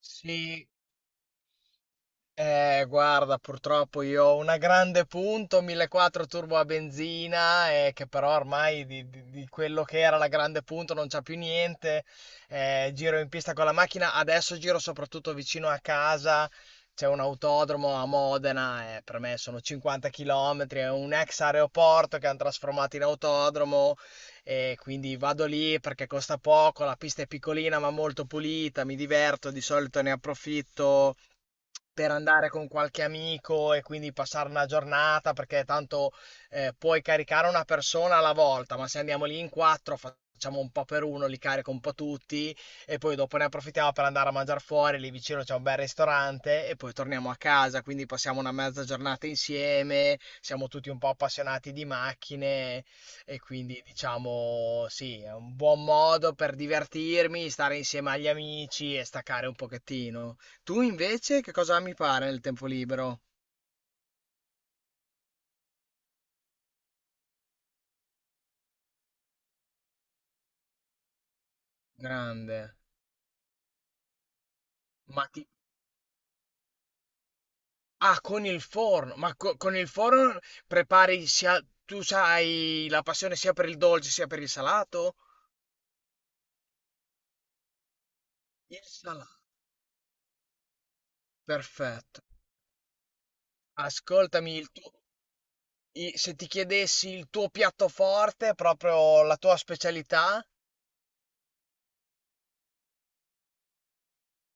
Sì, guarda, purtroppo io ho una grande punto 1.4 turbo a benzina, che però ormai di quello che era la grande punto non c'è più niente. Giro in pista con la macchina, adesso giro soprattutto vicino a casa. C'è un autodromo a Modena, per me sono 50 km, è un ex aeroporto che hanno trasformato in autodromo e quindi vado lì perché costa poco, la pista è piccolina ma molto pulita, mi diverto, di solito ne approfitto per andare con qualche amico e quindi passare una giornata, perché tanto puoi caricare una persona alla volta, ma se andiamo lì in quattro facciamo un po' per uno, li carico un po' tutti e poi dopo ne approfittiamo per andare a mangiare fuori, lì vicino c'è un bel ristorante e poi torniamo a casa, quindi passiamo una mezza giornata insieme, siamo tutti un po' appassionati di macchine e quindi diciamo sì, è un buon modo per divertirmi, stare insieme agli amici e staccare un pochettino. Tu invece che cosa ami fare nel tempo libero? Grande. Ma ti. Ah, con il forno. Ma con il forno prepari sia. Tu sai la passione sia per il dolce sia per il salato? Il salato. Perfetto. Ascoltami, il tuo. Se ti chiedessi il tuo piatto forte, proprio la tua specialità.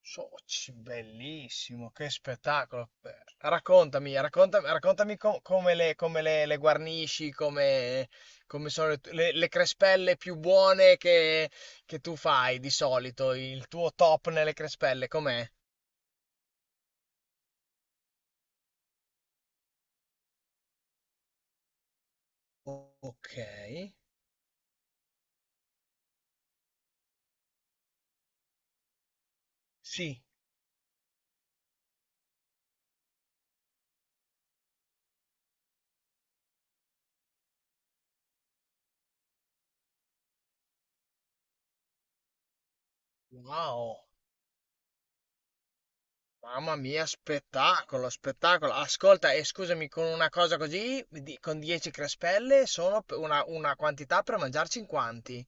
Soci, bellissimo, che spettacolo. Raccontami, raccontami, raccontami come le guarnisci, come, come sono le crespelle più buone che tu fai di solito, il tuo top nelle crespelle, com'è? Ok, sì. Wow, mamma mia, spettacolo, spettacolo. Ascolta, e scusami, con una cosa così, con 10 crespelle, sono una quantità per mangiarci in quanti?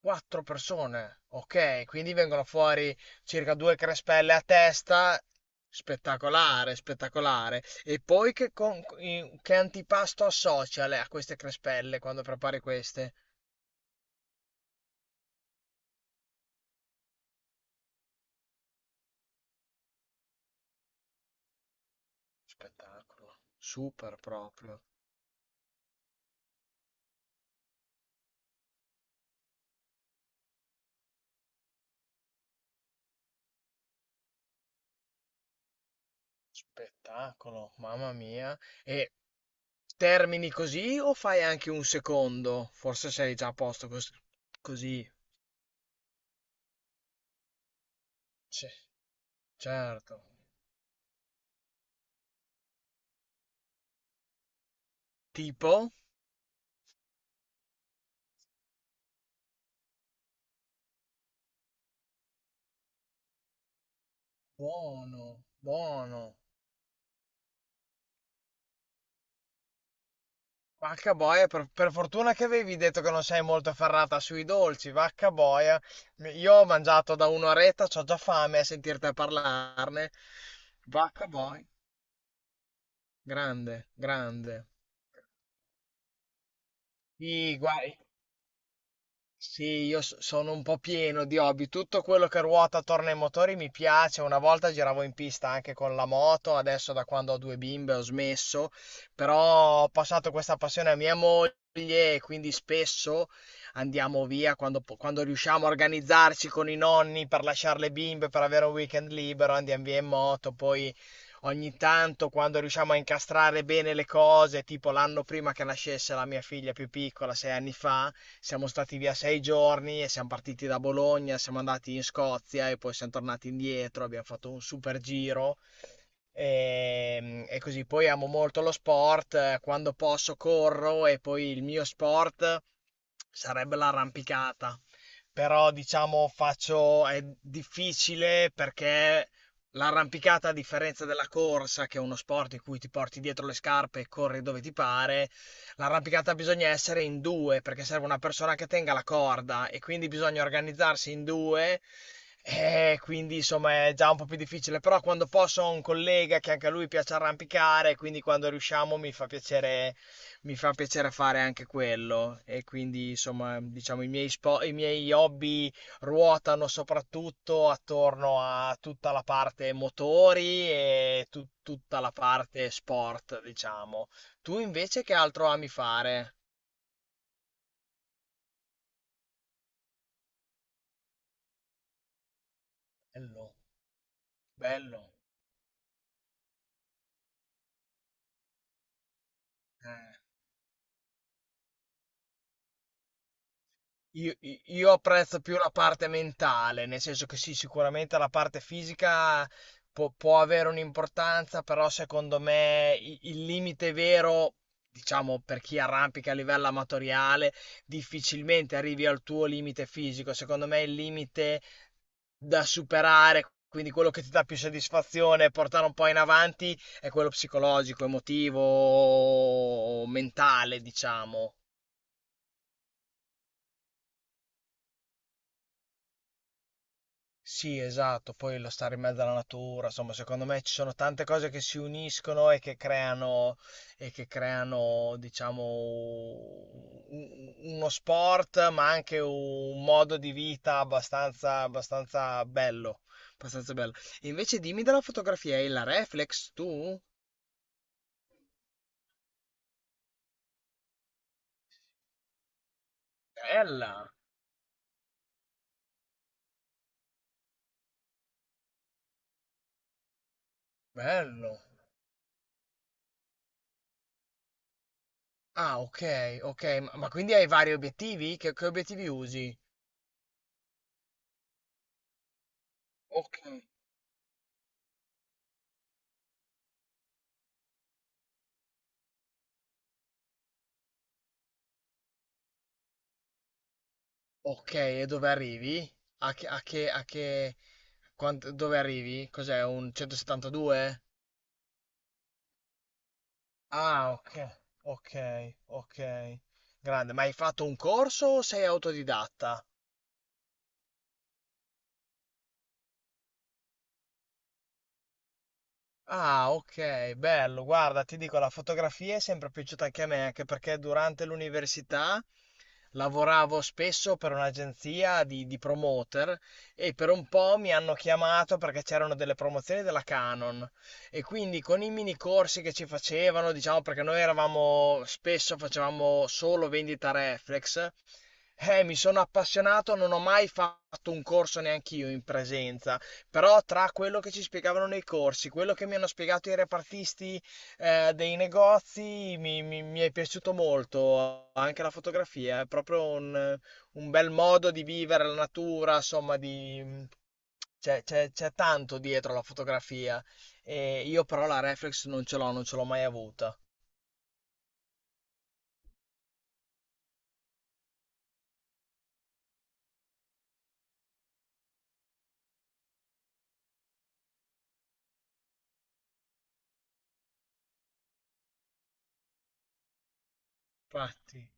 Quattro persone, ok, quindi vengono fuori circa due crespelle a testa. Spettacolare, spettacolare. E poi che antipasto associa lei a queste crespelle quando prepari queste? Spettacolo, super proprio. Spettacolo, mamma mia. E termini così o fai anche un secondo? Forse sei già a posto così. Sì, certo. Tipo? Buono, buono. Vacca boia, per fortuna che avevi detto che non sei molto ferrata sui dolci, vacca boia. Io ho mangiato da un'oretta, c'ho già fame a sentirti parlarne. Vacca boia, grande, grande. I, Sì, io sono un po' pieno di hobby. Tutto quello che ruota attorno ai motori mi piace. Una volta giravo in pista anche con la moto, adesso da quando ho due bimbe ho smesso, però ho passato questa passione a mia moglie e quindi spesso andiamo via quando riusciamo a organizzarci con i nonni per lasciare le bimbe, per avere un weekend libero, andiamo via in moto, poi ogni tanto, quando riusciamo a incastrare bene le cose, tipo l'anno prima che nascesse la mia figlia più piccola, 6 anni fa, siamo stati via 6 giorni e siamo partiti da Bologna, siamo andati in Scozia e poi siamo tornati indietro, abbiamo fatto un super giro. E così poi amo molto lo sport, quando posso corro e poi il mio sport sarebbe l'arrampicata. Però diciamo faccio, è difficile perché l'arrampicata, a differenza della corsa, che è uno sport in cui ti porti dietro le scarpe e corri dove ti pare, l'arrampicata bisogna essere in due perché serve una persona che tenga la corda e quindi bisogna organizzarsi in due. E quindi insomma è già un po' più difficile, però quando posso ho un collega che anche a lui piace arrampicare, quindi quando riusciamo mi fa piacere fare anche quello. E quindi insomma, diciamo, i miei hobby ruotano soprattutto attorno a tutta la parte motori e tutta la parte sport, diciamo. Tu invece che altro ami fare? Bello, bello. Eh. Io apprezzo più la parte mentale, nel senso che sì, sicuramente la parte fisica può, può avere un'importanza, però secondo me il limite vero, diciamo per chi arrampica a livello amatoriale, difficilmente arrivi al tuo limite fisico. Secondo me il limite da superare, quindi quello che ti dà più soddisfazione e portare un po' in avanti, è quello psicologico, emotivo, mentale, diciamo. Sì, esatto, poi lo stare in mezzo alla natura, insomma, secondo me ci sono tante cose che si uniscono e che creano, diciamo, uno sport, ma anche un modo di vita abbastanza, abbastanza bello, abbastanza bello. Invece dimmi della fotografia, hai la reflex tu? Bella, bello. Ah, ok, ok, ma quindi hai vari obiettivi? Che obiettivi usi? Ok. Ok, e dove arrivi? A che, a che, a che, dove arrivi? Cos'è, un 172? Ah, ok, ok, ok. Grande, ma hai fatto un corso o sei autodidatta? Ah, ok, bello. Guarda, ti dico, la fotografia è sempre piaciuta anche a me, anche perché durante l'università lavoravo spesso per un'agenzia di promoter e per un po' mi hanno chiamato perché c'erano delle promozioni della Canon e quindi con i mini corsi che ci facevano, diciamo perché noi eravamo spesso facevamo solo vendita reflex, mi sono appassionato, non ho mai fatto un corso neanch'io in presenza però tra quello che ci spiegavano nei corsi, quello che mi hanno spiegato i repartisti dei negozi, mi è piaciuto molto. Anche la fotografia è proprio un bel modo di vivere la natura, insomma, c'è tanto dietro la fotografia. E io però la reflex non ce l'ho, non ce l'ho mai avuta. Infatti.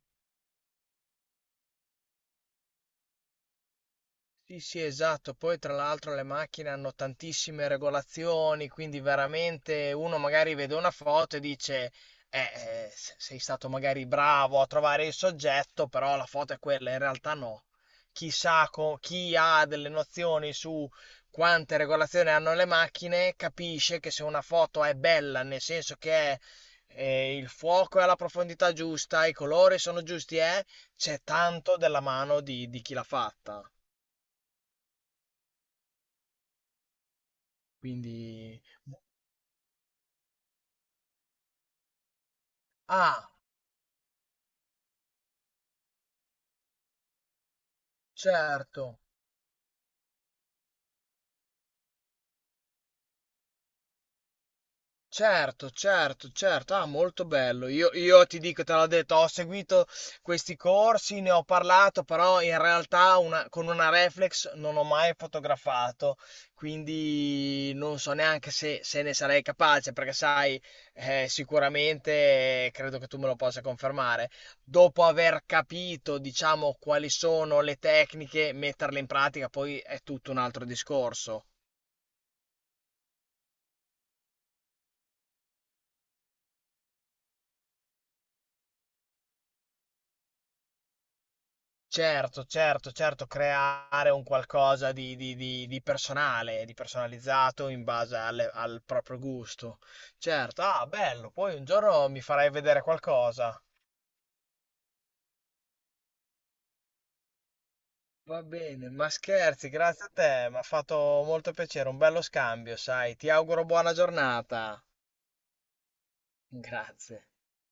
Sì, sì, esatto. Poi tra l'altro le macchine hanno tantissime regolazioni, quindi veramente uno magari vede una foto e dice, sei stato magari bravo a trovare il soggetto, però la foto è quella, in realtà no. Chissà chi ha delle nozioni su quante regolazioni hanno le macchine, capisce che se una foto è bella, nel senso che è, il fuoco è alla profondità giusta, i colori sono giusti, c'è tanto della mano di chi l'ha fatta. Quindi, ah, certo, certo, certo, certo, ah, molto bello. Io ti dico, te l'ho detto, ho seguito questi corsi, ne ho parlato, però in realtà con una reflex non ho mai fotografato, quindi non so neanche se ne sarei capace, perché sai, sicuramente credo che tu me lo possa confermare. Dopo aver capito, diciamo, quali sono le tecniche, metterle in pratica, poi è tutto un altro discorso. Certo, certo, certo, creare un qualcosa di personale, di personalizzato in base al proprio gusto. Certo, ah, bello, poi un giorno mi farai vedere qualcosa. Va bene, ma scherzi, grazie a te, mi ha fatto molto piacere, un bello scambio, sai. Ti auguro buona giornata. Grazie.